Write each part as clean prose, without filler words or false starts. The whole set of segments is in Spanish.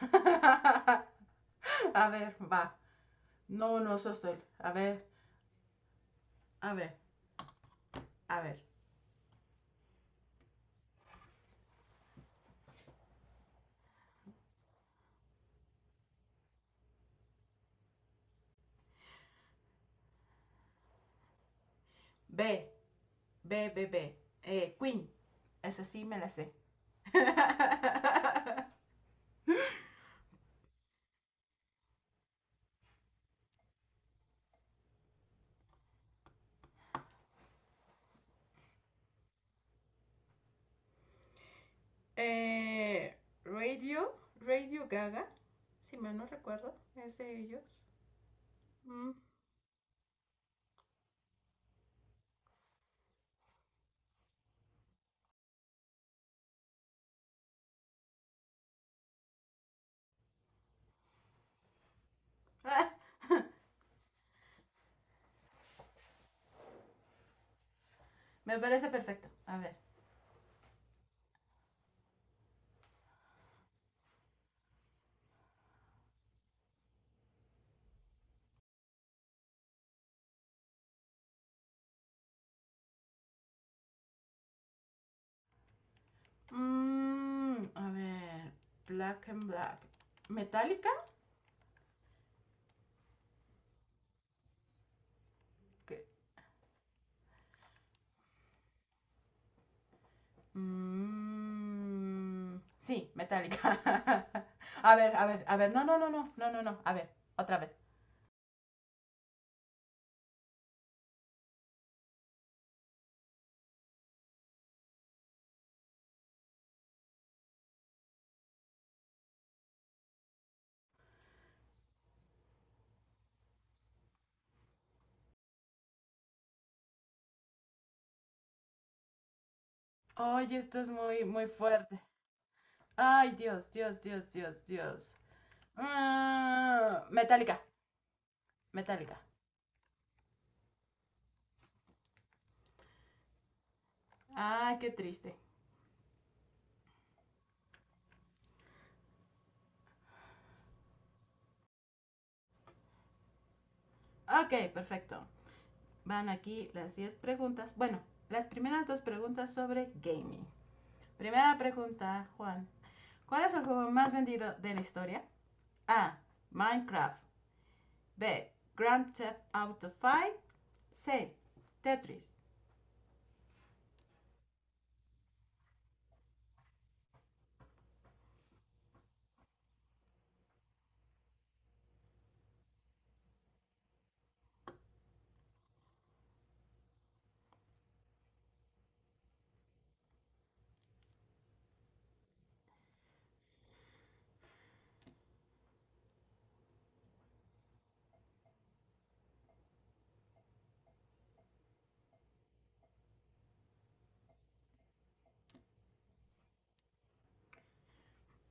A ver, va. No, no, estoy. A ver, a ver, a ver. B, B, B, B. Queen. Esa sí me la sé. eh, Radio, Radio Gaga. Si mal no recuerdo, es de ellos. Mm. Me parece perfecto. A ver. A ver. Black and Black. ¿Metallica? ¿Qué? Mm, sí, Metallica. A ver, a ver, a ver. No, no, no, no, no, no, no. A ver, otra vez. Ay, esto es muy, muy fuerte. Ay, Dios, Dios, Dios, Dios, Dios. Ah, Metallica, Metallica. Ay, qué triste. Ok, perfecto. Van aquí las 10 preguntas. Bueno, las primeras dos preguntas sobre gaming. Primera pregunta, Juan. ¿Cuál es el juego más vendido de la historia? A. Minecraft. B. Grand Theft Auto 5. C. Tetris.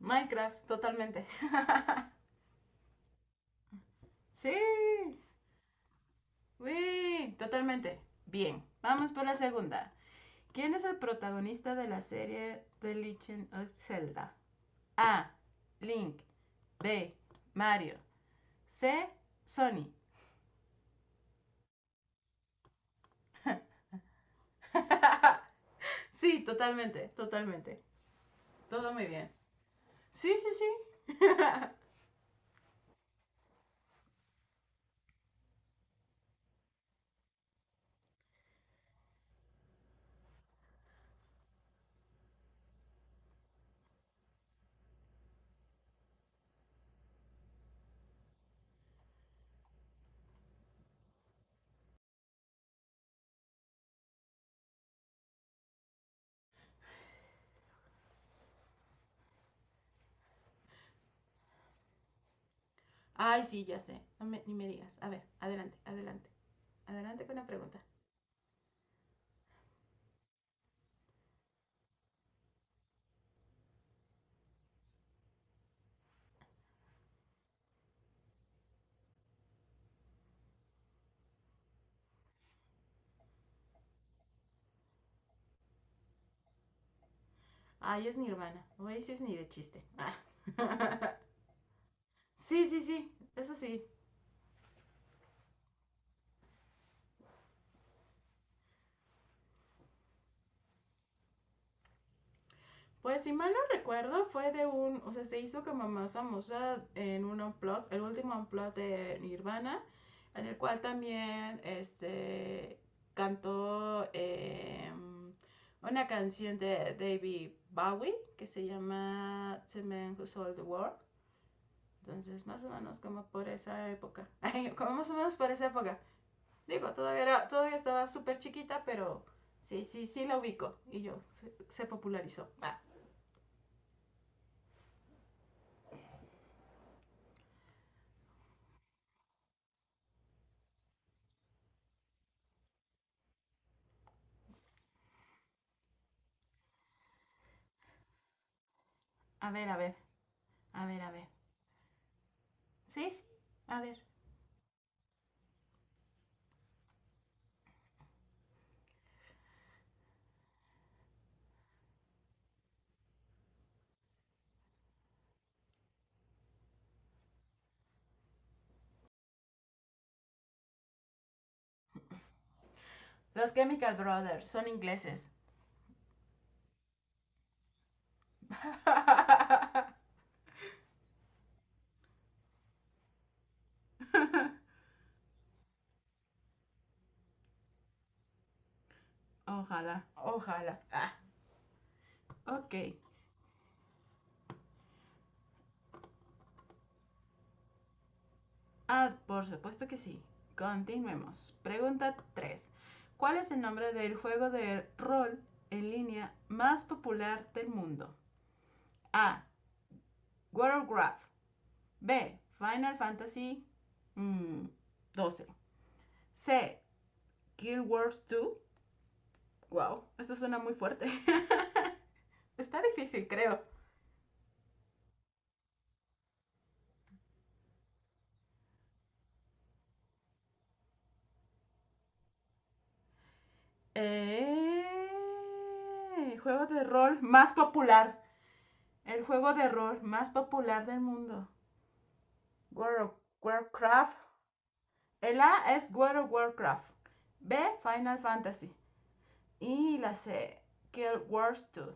Minecraft, totalmente. Sí. Uy, totalmente. Bien, vamos por la segunda. ¿Quién es el protagonista de la serie The Legend of Zelda? A. Link. B. Mario. C. Sony. Sí, totalmente, totalmente. Todo muy bien. Sí, sí, sí. Ay, sí, ya sé. Ni me digas. A ver, adelante, adelante. Adelante con la pregunta. Ay, es mi hermana. Oye, sí es ni de chiste. Ah. Sí, sí, sí. Eso sí. Pues si mal no recuerdo, fue de un, o sea, se hizo como más famosa en un unplug, el último unplug de Nirvana, en el cual también este cantó una canción de David Bowie que se llama The Man Who Sold the World. Entonces, más o menos como por esa época. Ay, como más o menos por esa época. Digo, todavía, era, todavía estaba súper chiquita, pero sí, sí, sí la ubico. Y yo, se popularizó. Ah. A ver, a ver, a ver, a ver. ¿Sí? A ver. Los Chemical Brothers son ingleses. Ojalá, ojalá. Ah, ok. Ah, por supuesto que sí. Continuemos. Pregunta 3. ¿Cuál es el nombre del juego de rol en línea más popular del mundo? A. Warcraft. B. Final Fantasy mm, 12. C. Guild Wars 2. Wow, esto suena muy fuerte. Está difícil, creo. Eh, juego de rol más popular. El juego de rol más popular del mundo. World of Warcraft. El A es World of Warcraft. B. Final Fantasy. Y la C. Guild Wars 2.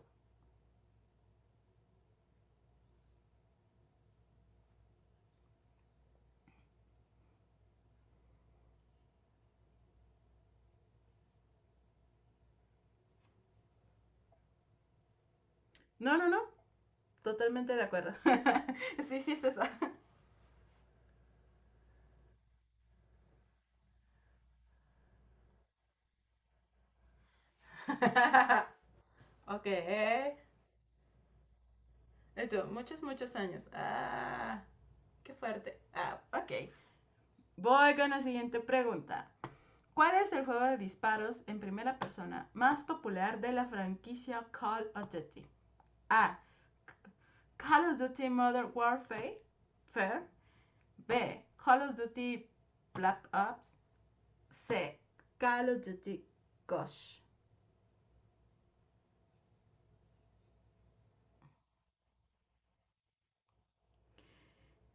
No, no, no. Totalmente de acuerdo. Sí, sí es esa. Ok. Esto muchos, muchos años. Ah, qué fuerte. Ah, ok. Voy con la siguiente pregunta. ¿Cuál es el juego de disparos en primera persona más popular de la franquicia Call of Duty? A. Call of Duty Modern Warfare. Fair. B. Call of Duty Black Ops. C. Call of Duty Ghost.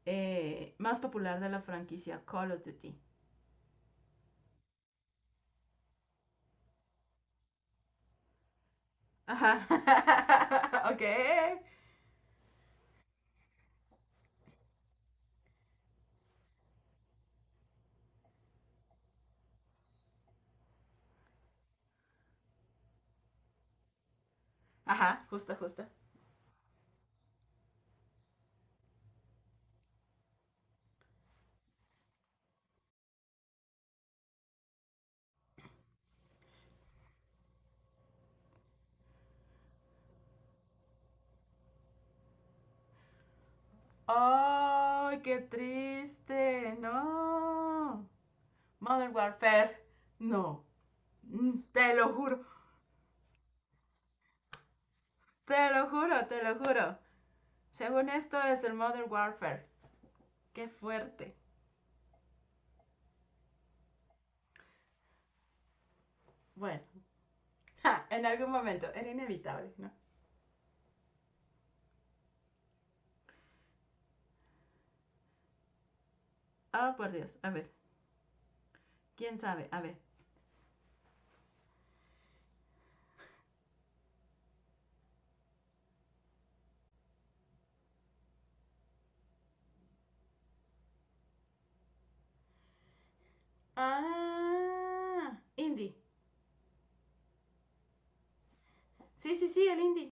Más popular de la franquicia Call of Duty. Ajá. Ok. Ajá, justo, justo. ¡Ay, qué triste! No. Modern Warfare. No. Te lo juro. Te lo juro, te lo juro. Según esto es el Modern Warfare. Qué fuerte. Bueno. Ja, en algún momento. Era inevitable, ¿no? Oh, por Dios. A ver. ¿Quién sabe? A ver. Ah. Indie. Sí, sí, sí, el indie.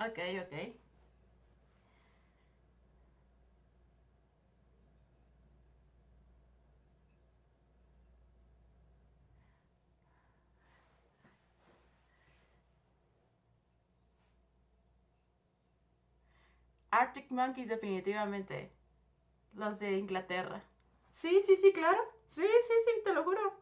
Ok, ok. Arctic Monkeys definitivamente. Los de Inglaterra. Sí, sí, sí, claro. Sí, sí, sí, te lo juro.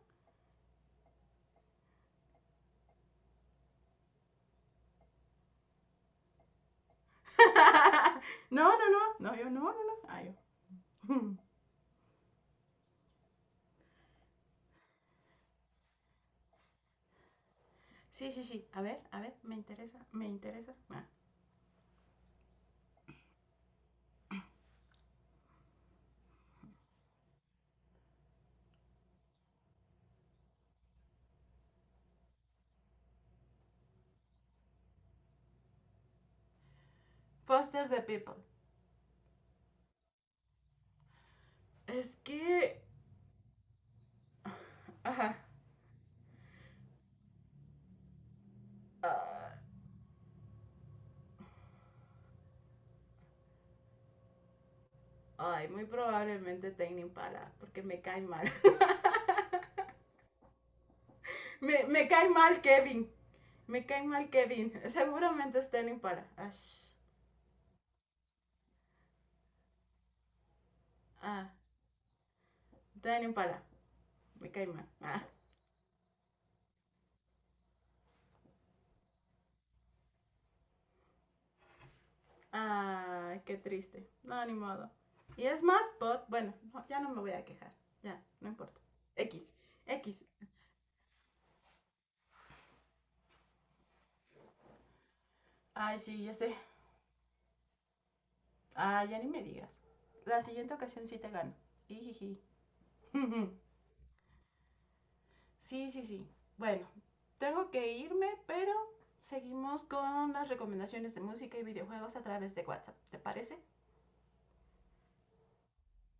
No, no, no, no, yo no, no, no, ah, yo. Sí, sí, sí, a ver, me interesa, me interesa. Ah. Foster the people. Es que, ajá, ah, ay, muy probablemente Tame Impala, porque me cae mal. Me cae mal Kevin, me cae mal Kevin, seguramente es Tame Impala. Ash. Ah, Tame Impala, me cae mal. Ah. Ah, qué triste. No, ni modo. Y es más, but, bueno, no, ya no me voy a quejar. Ya, no importa. X, X. Ay, sí, ya sé. Ay, ya ni me digas. La siguiente ocasión sí te gano. Ijiji. Sí, sí, sí. Bueno, tengo que irme, pero seguimos con las recomendaciones de música y videojuegos a través de WhatsApp. ¿Te parece?